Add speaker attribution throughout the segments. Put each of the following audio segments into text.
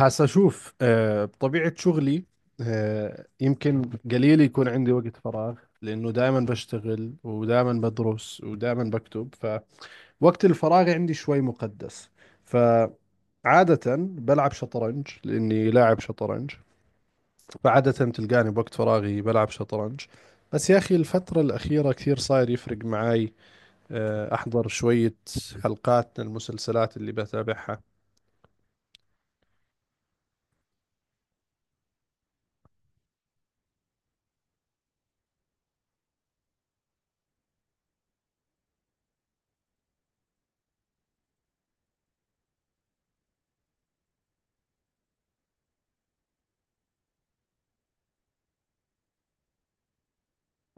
Speaker 1: هسا شوف بطبيعة شغلي، يمكن قليل يكون عندي وقت فراغ، لأنه دائما بشتغل ودائما بدرس ودائما بكتب. فوقت الفراغ عندي شوي مقدس، فعادة بلعب شطرنج لأني لاعب شطرنج، فعادة تلقاني بوقت فراغي بلعب شطرنج. بس يا أخي الفترة الأخيرة كثير صاير يفرق معاي. أحضر شوية حلقات من المسلسلات اللي بتابعها.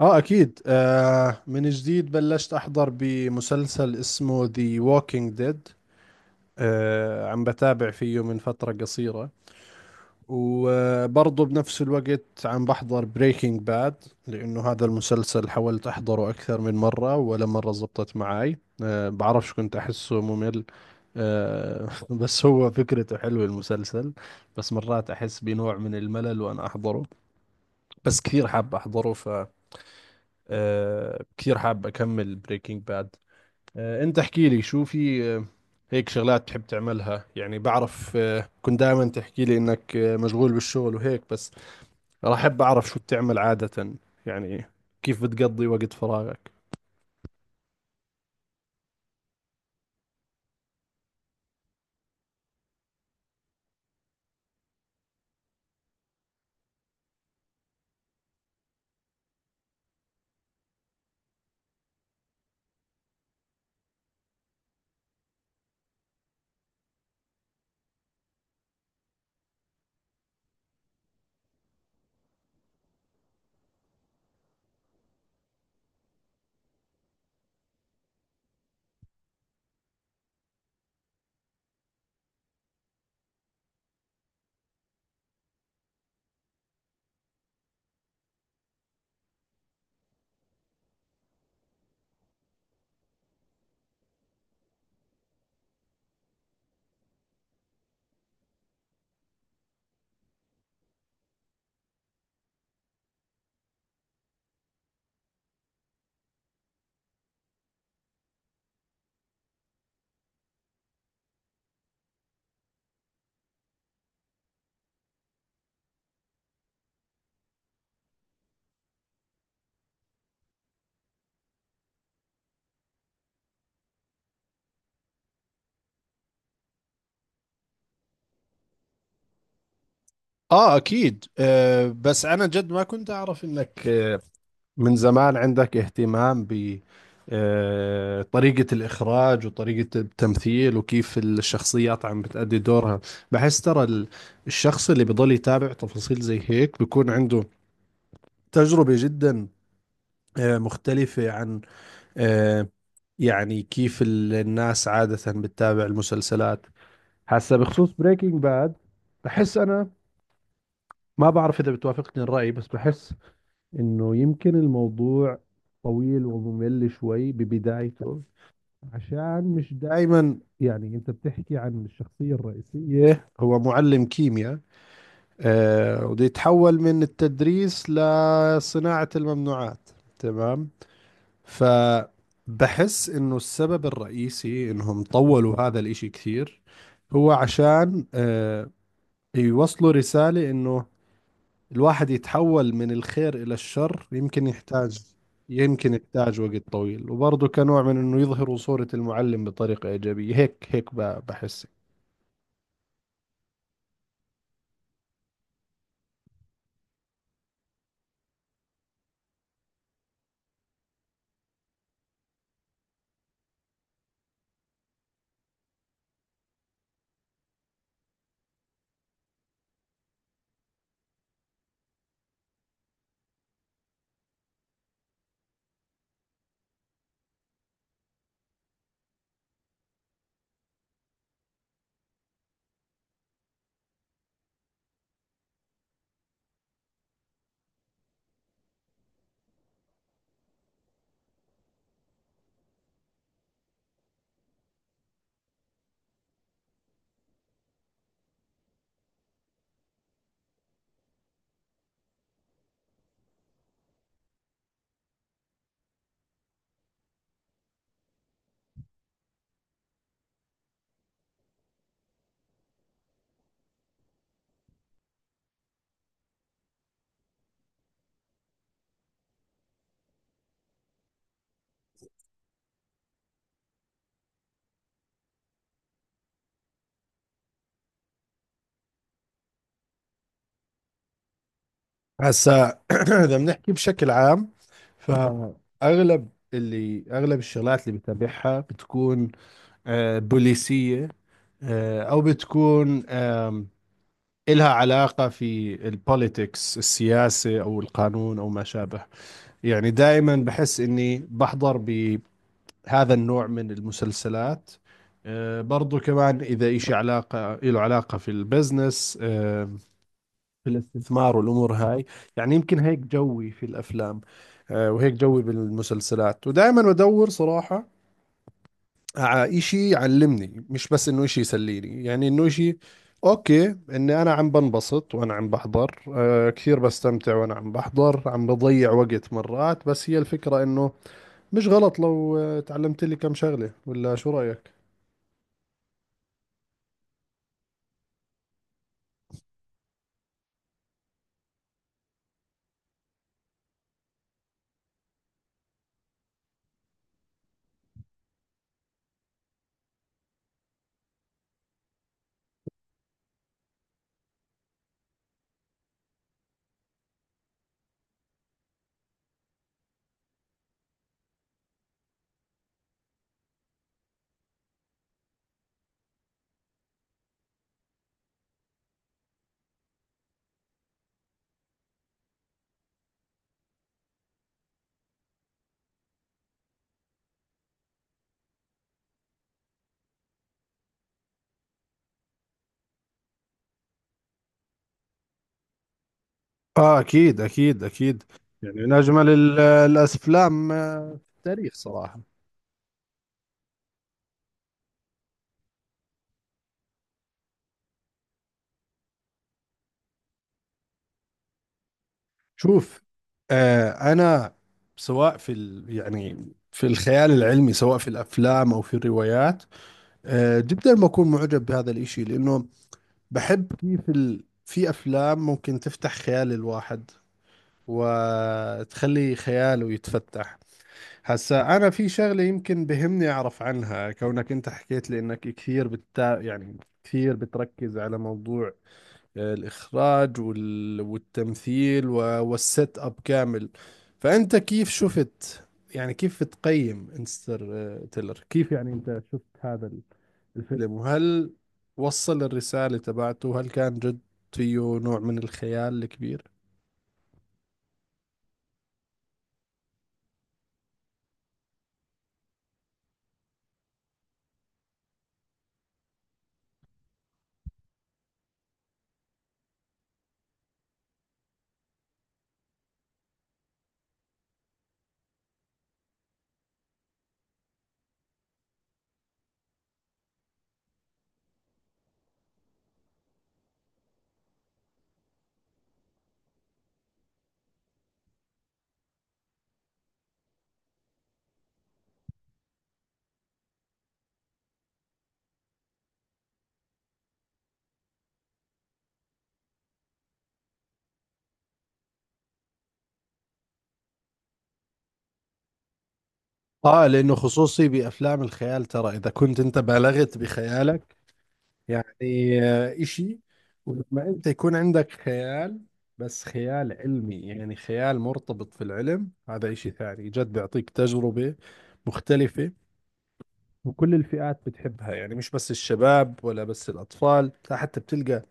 Speaker 1: اه اكيد. من جديد بلشت احضر بمسلسل اسمه ذا ووكينج ديد. عم بتابع فيه من فترة قصيرة، وبرضه بنفس الوقت عم بحضر بريكنج باد، لانه هذا المسلسل حاولت احضره اكثر من مرة ولا مرة زبطت معي. بعرفش، كنت احسه ممل. آه بس هو فكرته حلوة المسلسل، بس مرات احس بنوع من الملل وانا احضره، بس كثير حاب احضره. كتير حابب اكمل بريكنج باد. انت احكي لي شو في. هيك شغلات بتحب تعملها، يعني بعرف كنت دائما تحكي لي انك مشغول بالشغل وهيك بس. راح احب اعرف شو بتعمل عادة، يعني كيف بتقضي وقت فراغك. اه اكيد. بس انا جد ما كنت اعرف انك من زمان عندك اهتمام ب، طريقة الإخراج وطريقة التمثيل وكيف الشخصيات عم بتأدي دورها. بحس ترى الشخص اللي بضل يتابع تفاصيل زي هيك بيكون عنده تجربة جدا مختلفة عن، آه، يعني كيف الناس عادة بتتابع المسلسلات. هسا بخصوص بريكنج باد، بحس أنا، ما بعرف إذا بتوافقني الرأي، بس بحس انه يمكن الموضوع طويل وممل شوي ببدايته، عشان مش دائما، يعني انت بتحكي عن الشخصية الرئيسية، هو معلم كيمياء وده يتحول من التدريس لصناعة الممنوعات، تمام؟ فبحس انه السبب الرئيسي انهم طولوا هذا الاشي كثير، هو عشان يوصلوا رسالة انه الواحد يتحول من الخير إلى الشر يمكن يحتاج، يمكن يحتاج وقت طويل، وبرضه كنوع من إنه يظهروا صورة المعلم بطريقة إيجابية، هيك هيك بحس. هسا إذا بنحكي بشكل عام، فأغلب اللي أغلب الشغلات اللي بتابعها بتكون بوليسية، أو بتكون، إلها علاقة في البوليتكس، السياسة أو القانون أو ما شابه. يعني دائما بحس إني بحضر هذا النوع من المسلسلات. برضو كمان إذا إشي، علاقة له علاقة في البزنس، في الاستثمار والأمور هاي. يعني يمكن هيك جوي في الأفلام، وهيك جوي بالمسلسلات. ودائما بدور صراحة على إشي يعلمني، مش بس إنه إشي يسليني. يعني إنه إشي أوكي إني أنا عم بنبسط وأنا عم بحضر، كثير بستمتع وأنا عم بحضر، عم بضيع وقت مرات، بس هي الفكرة إنه مش غلط لو تعلمت لي كم شغلة، ولا شو رأيك؟ اه اكيد اكيد اكيد. يعني من اجمل الافلام في التاريخ صراحه. شوف، انا سواء في ال، يعني في الخيال العلمي، سواء في الافلام او في الروايات، جدا بكون معجب بهذا الاشي، لانه بحب كيف ال، في افلام ممكن تفتح خيال الواحد وتخلي خياله يتفتح. هسا أنا في شغلة يمكن بهمني أعرف عنها، كونك أنت حكيت لي إنك كثير يعني كثير بتركز على موضوع الإخراج والتمثيل والسيت أب كامل. فأنت كيف شفت، يعني كيف بتقيم انستر تيلر؟ كيف يعني أنت شفت هذا الفيلم، وهل وصل الرسالة تبعته؟ هل كان جد فيه نوع من الخيال الكبير؟ اه، لانه خصوصي بافلام الخيال ترى اذا كنت انت بالغت بخيالك يعني إشي، ولما أنت يكون عندك خيال بس خيال علمي، يعني خيال مرتبط في العلم، هذا إشي ثاني جد بيعطيك تجربة مختلفة. وكل الفئات بتحبها، يعني مش بس الشباب ولا بس الأطفال، لا حتى بتلقى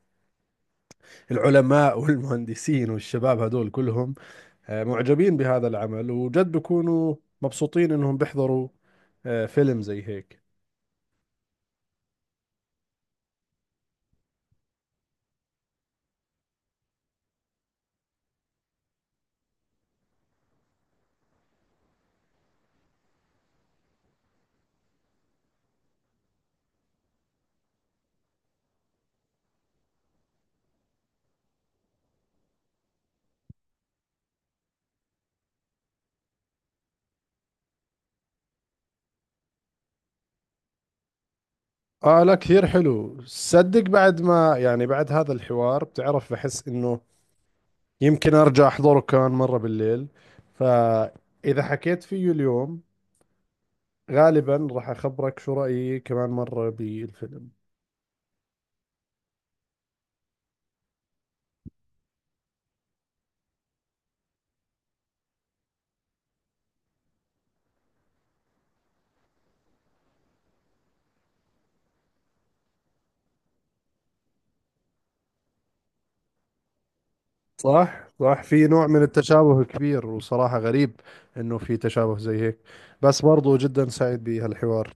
Speaker 1: العلماء والمهندسين والشباب هدول كلهم معجبين بهذا العمل، وجد بيكونوا مبسوطين إنهم بيحضروا فيلم زي هيك. اه لا كثير حلو صدق. بعد ما، يعني بعد هذا الحوار بتعرف بحس انه يمكن ارجع احضره كمان مرة بالليل. فاذا حكيت فيه اليوم، غالبا راح اخبرك شو رأيي كمان مرة بالفيلم. صح صح، في نوع من التشابه كبير، وصراحة غريب انه في تشابه زي هيك، بس برضو جدا سعيد بهالحوار.